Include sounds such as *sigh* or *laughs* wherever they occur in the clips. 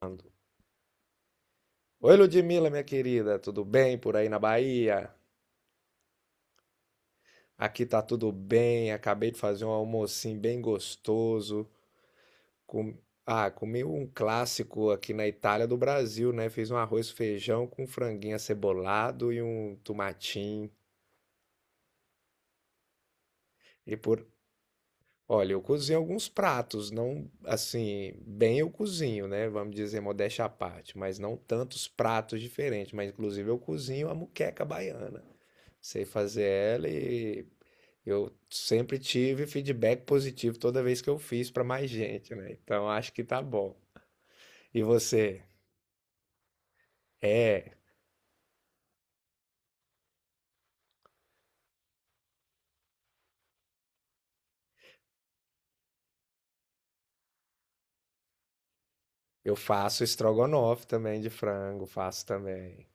Ando. Oi, Ludmila, minha querida, tudo bem por aí na Bahia? Aqui tá tudo bem, acabei de fazer um almocinho bem gostoso. Com... Ah, comi um clássico aqui na Itália do Brasil, né? Fiz um arroz feijão com franguinho acebolado e um tomatinho. E por... Olha, eu cozinho alguns pratos, não assim, bem eu cozinho, né? Vamos dizer, modéstia à parte, mas não tantos pratos diferentes. Mas inclusive eu cozinho a muqueca baiana. Sei fazer ela. E eu sempre tive feedback positivo toda vez que eu fiz para mais gente, né? Então acho que tá bom. E você? É, eu faço estrogonofe também de frango, faço também.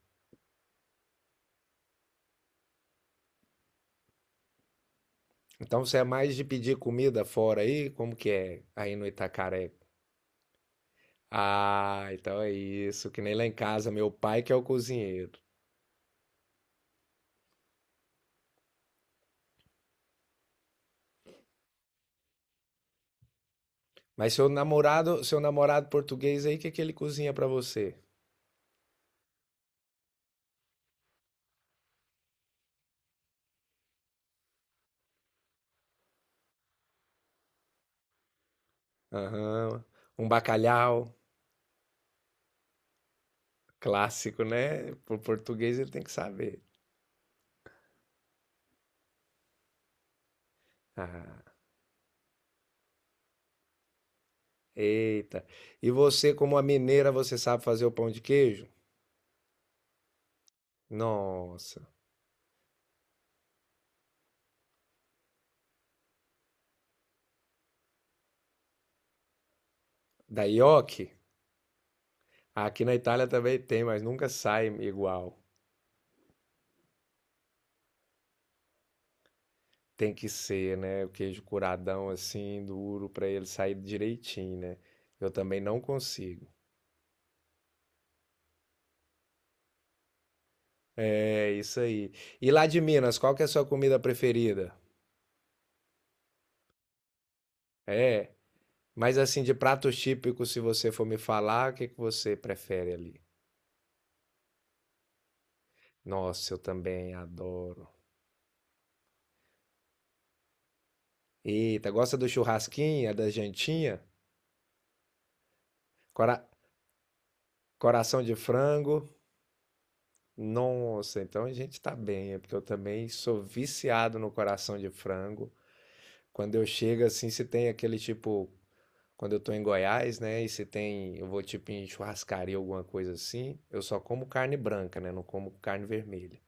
Então você é mais de pedir comida fora aí? Como que é aí no Itacaré? Ah, então é isso, que nem lá em casa, meu pai que é o cozinheiro. Mas seu namorado português aí, o que que ele cozinha pra você? Aham, um bacalhau, clássico, né? Pro português ele tem que saber. Ah, eita. E você, como a mineira, você sabe fazer o pão de queijo? Nossa. Da nhoque? Aqui na Itália também tem, mas nunca sai igual. Tem que ser, né? O queijo curadão assim, duro, para ele sair direitinho, né? Eu também não consigo. É, isso aí. E lá de Minas, qual que é a sua comida preferida? É, mas assim, de pratos típicos, se você for me falar, o que que você prefere ali? Nossa, eu também adoro. Eita, gosta do churrasquinho, é da jantinha? Cora- Coração de frango? Nossa, então a gente tá bem, é porque eu também sou viciado no coração de frango. Quando eu chego assim, se tem aquele tipo, quando eu tô em Goiás, né, e se tem, eu vou tipo em churrascaria, alguma coisa assim, eu só como carne branca, né, não como carne vermelha.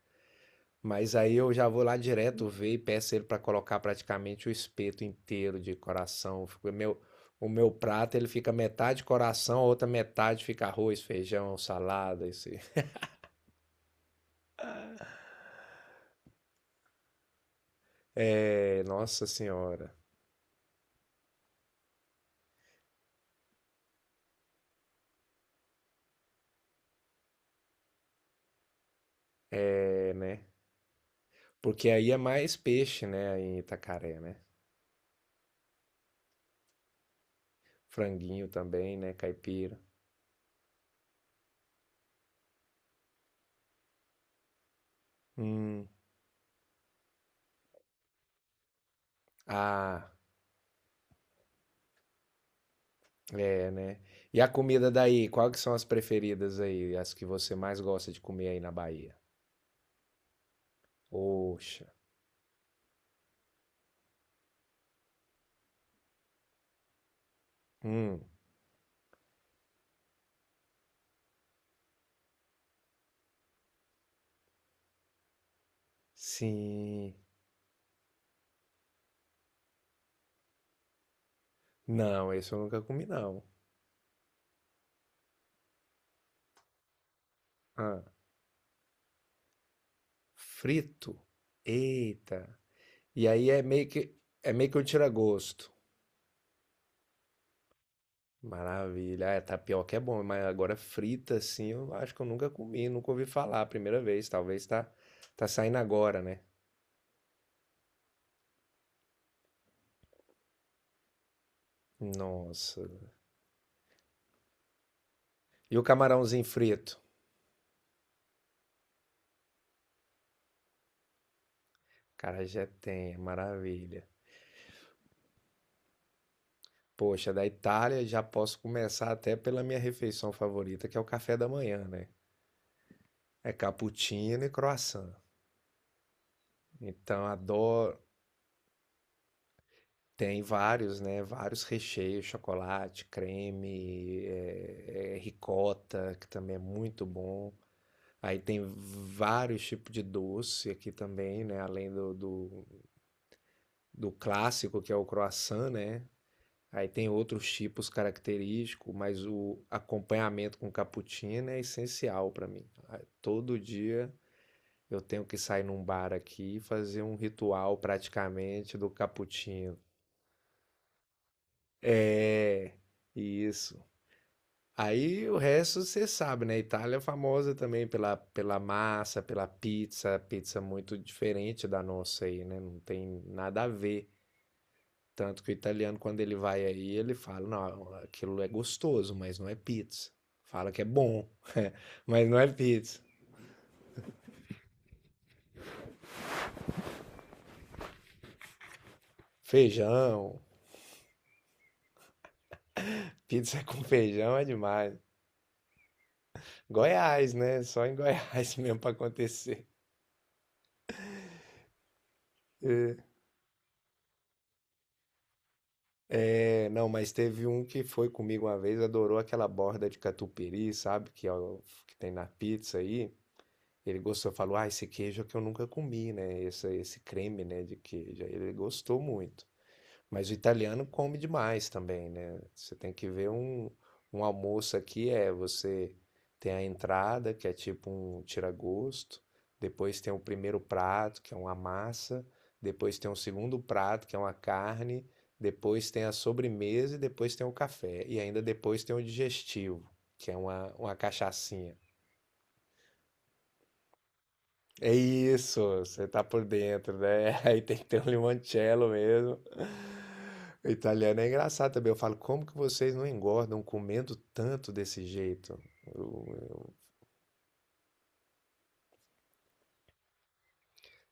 Mas aí eu já vou lá direto ver e peço ele para colocar praticamente o espeto inteiro de coração. Meu, o meu prato ele fica metade coração, a outra metade fica arroz, feijão, salada. Esse. *laughs* É, nossa senhora. É, né? Porque aí é mais peixe, né? Aí em Itacaré, né? Franguinho também, né? Caipira. Hum. Ah, é, né? E a comida daí? Qual que são as preferidas aí? As que você mais gosta de comer aí na Bahia? Poxa. Hum. Sim. Não, esse eu nunca comi, não. Ah, frito. Eita. E aí é meio que um tira-gosto. Maravilha. Ah, tapioca é bom, mas agora frita assim, eu acho que eu nunca comi, nunca ouvi falar, a primeira vez, talvez tá tá saindo agora, né? Nossa. E o camarãozinho frito? Cara, já tem, é maravilha. Poxa, da Itália já posso começar até pela minha refeição favorita, que é o café da manhã, né? É cappuccino e croissant. Então, adoro. Tem vários, né? Vários recheios, chocolate, creme, ricota, que também é muito bom. Aí tem vários tipos de doce aqui também, né? Além do clássico, que é o croissant, né? Aí tem outros tipos característicos, mas o acompanhamento com cappuccino é essencial para mim. Ah, todo dia eu tenho que sair num bar aqui e fazer um ritual praticamente do cappuccino. É, isso. Aí o resto você sabe, né? Itália é famosa também pela massa, pela pizza, pizza muito diferente da nossa aí, né? Não tem nada a ver. Tanto que o italiano, quando ele vai aí, ele fala: não, aquilo é gostoso, mas não é pizza. Fala que é bom, *laughs* mas não é pizza. Feijão, pizza *laughs* com feijão é demais. Goiás, né? Só em Goiás *laughs* mesmo para acontecer. É, não, mas teve um que foi comigo uma vez, adorou aquela borda de catupiry, sabe? Que, que tem na pizza aí. Ele gostou, falou: Ah, esse queijo é que eu nunca comi, né? Esse creme, né, de queijo. Aí ele gostou muito. Mas o italiano come demais também, né? Você tem que ver um, um almoço aqui é você tem a entrada, que é tipo um tiragosto, depois tem o primeiro prato, que é uma massa, depois tem o segundo prato, que é uma carne, depois tem a sobremesa e depois tem o café. E ainda depois tem o digestivo, que é uma cachaçinha. É isso, você tá por dentro, né? *laughs* Aí tem que ter um limoncello mesmo. O italiano é engraçado também. Eu falo, como que vocês não engordam comendo tanto desse jeito? Eu- eu-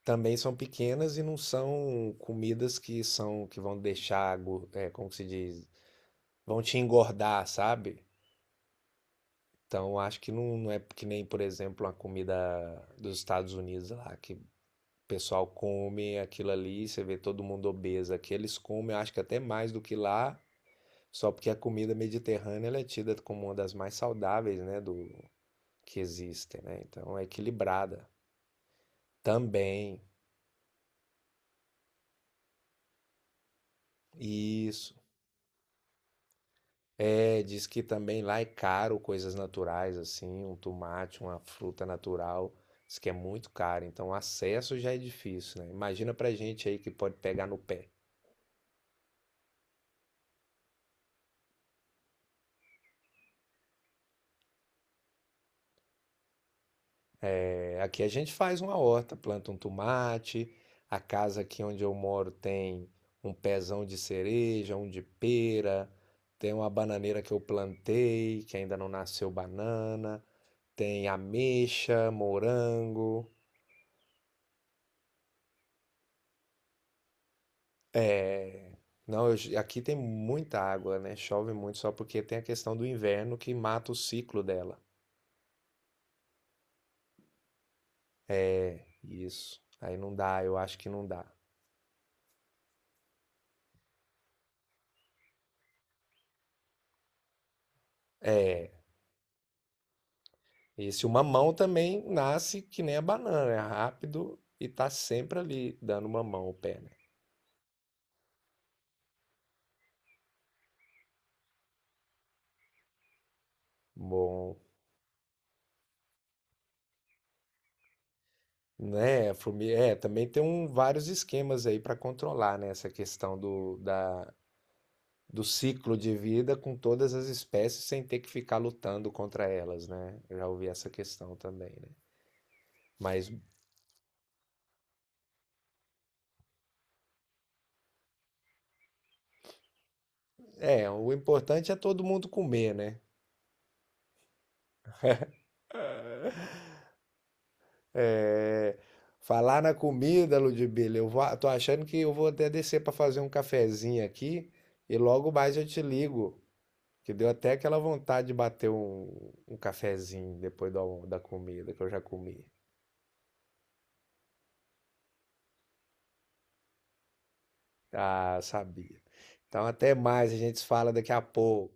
Também são pequenas e não são comidas que são que vão deixar, como que se diz, vão te engordar, sabe? Então acho que não, não é que nem, por exemplo, a comida dos Estados Unidos lá, que o pessoal come aquilo ali, você vê todo mundo obeso. Aqui eles comem, acho que até mais do que lá, só porque a comida mediterrânea ela é tida como uma das mais saudáveis, né, do que existem, né? Então é equilibrada. Também isso. É, diz que também lá é caro coisas naturais assim, um tomate, uma fruta natural, diz que é muito caro. Então o acesso já é difícil, né? Imagina pra gente aí que pode pegar no pé. É, aqui a gente faz uma horta, planta um tomate. A casa aqui onde eu moro tem um pezão de cereja, um de pera, tem uma bananeira que eu plantei, que ainda não nasceu banana, tem ameixa, morango. É, não, eu aqui tem muita água, né? Chove muito só porque tem a questão do inverno que mata o ciclo dela. Isso. Aí não dá, eu acho que não dá. É, esse o mamão também nasce que nem a banana, é rápido e tá sempre ali dando mamão ao pé, né? Bom, né, também tem um, vários esquemas aí para controlar, né, essa questão do ciclo de vida com todas as espécies sem ter que ficar lutando contra elas, né? Eu já ouvi essa questão também, né? Mas é, o importante é todo mundo comer, né? É, falar na comida, Ludmilla, eu vou, tô achando que eu vou até descer para fazer um cafezinho aqui e logo mais eu te ligo, que deu até aquela vontade de bater um, um cafezinho depois do da comida que eu já comi. Ah, sabia. Então até mais, a gente se fala daqui a pouco.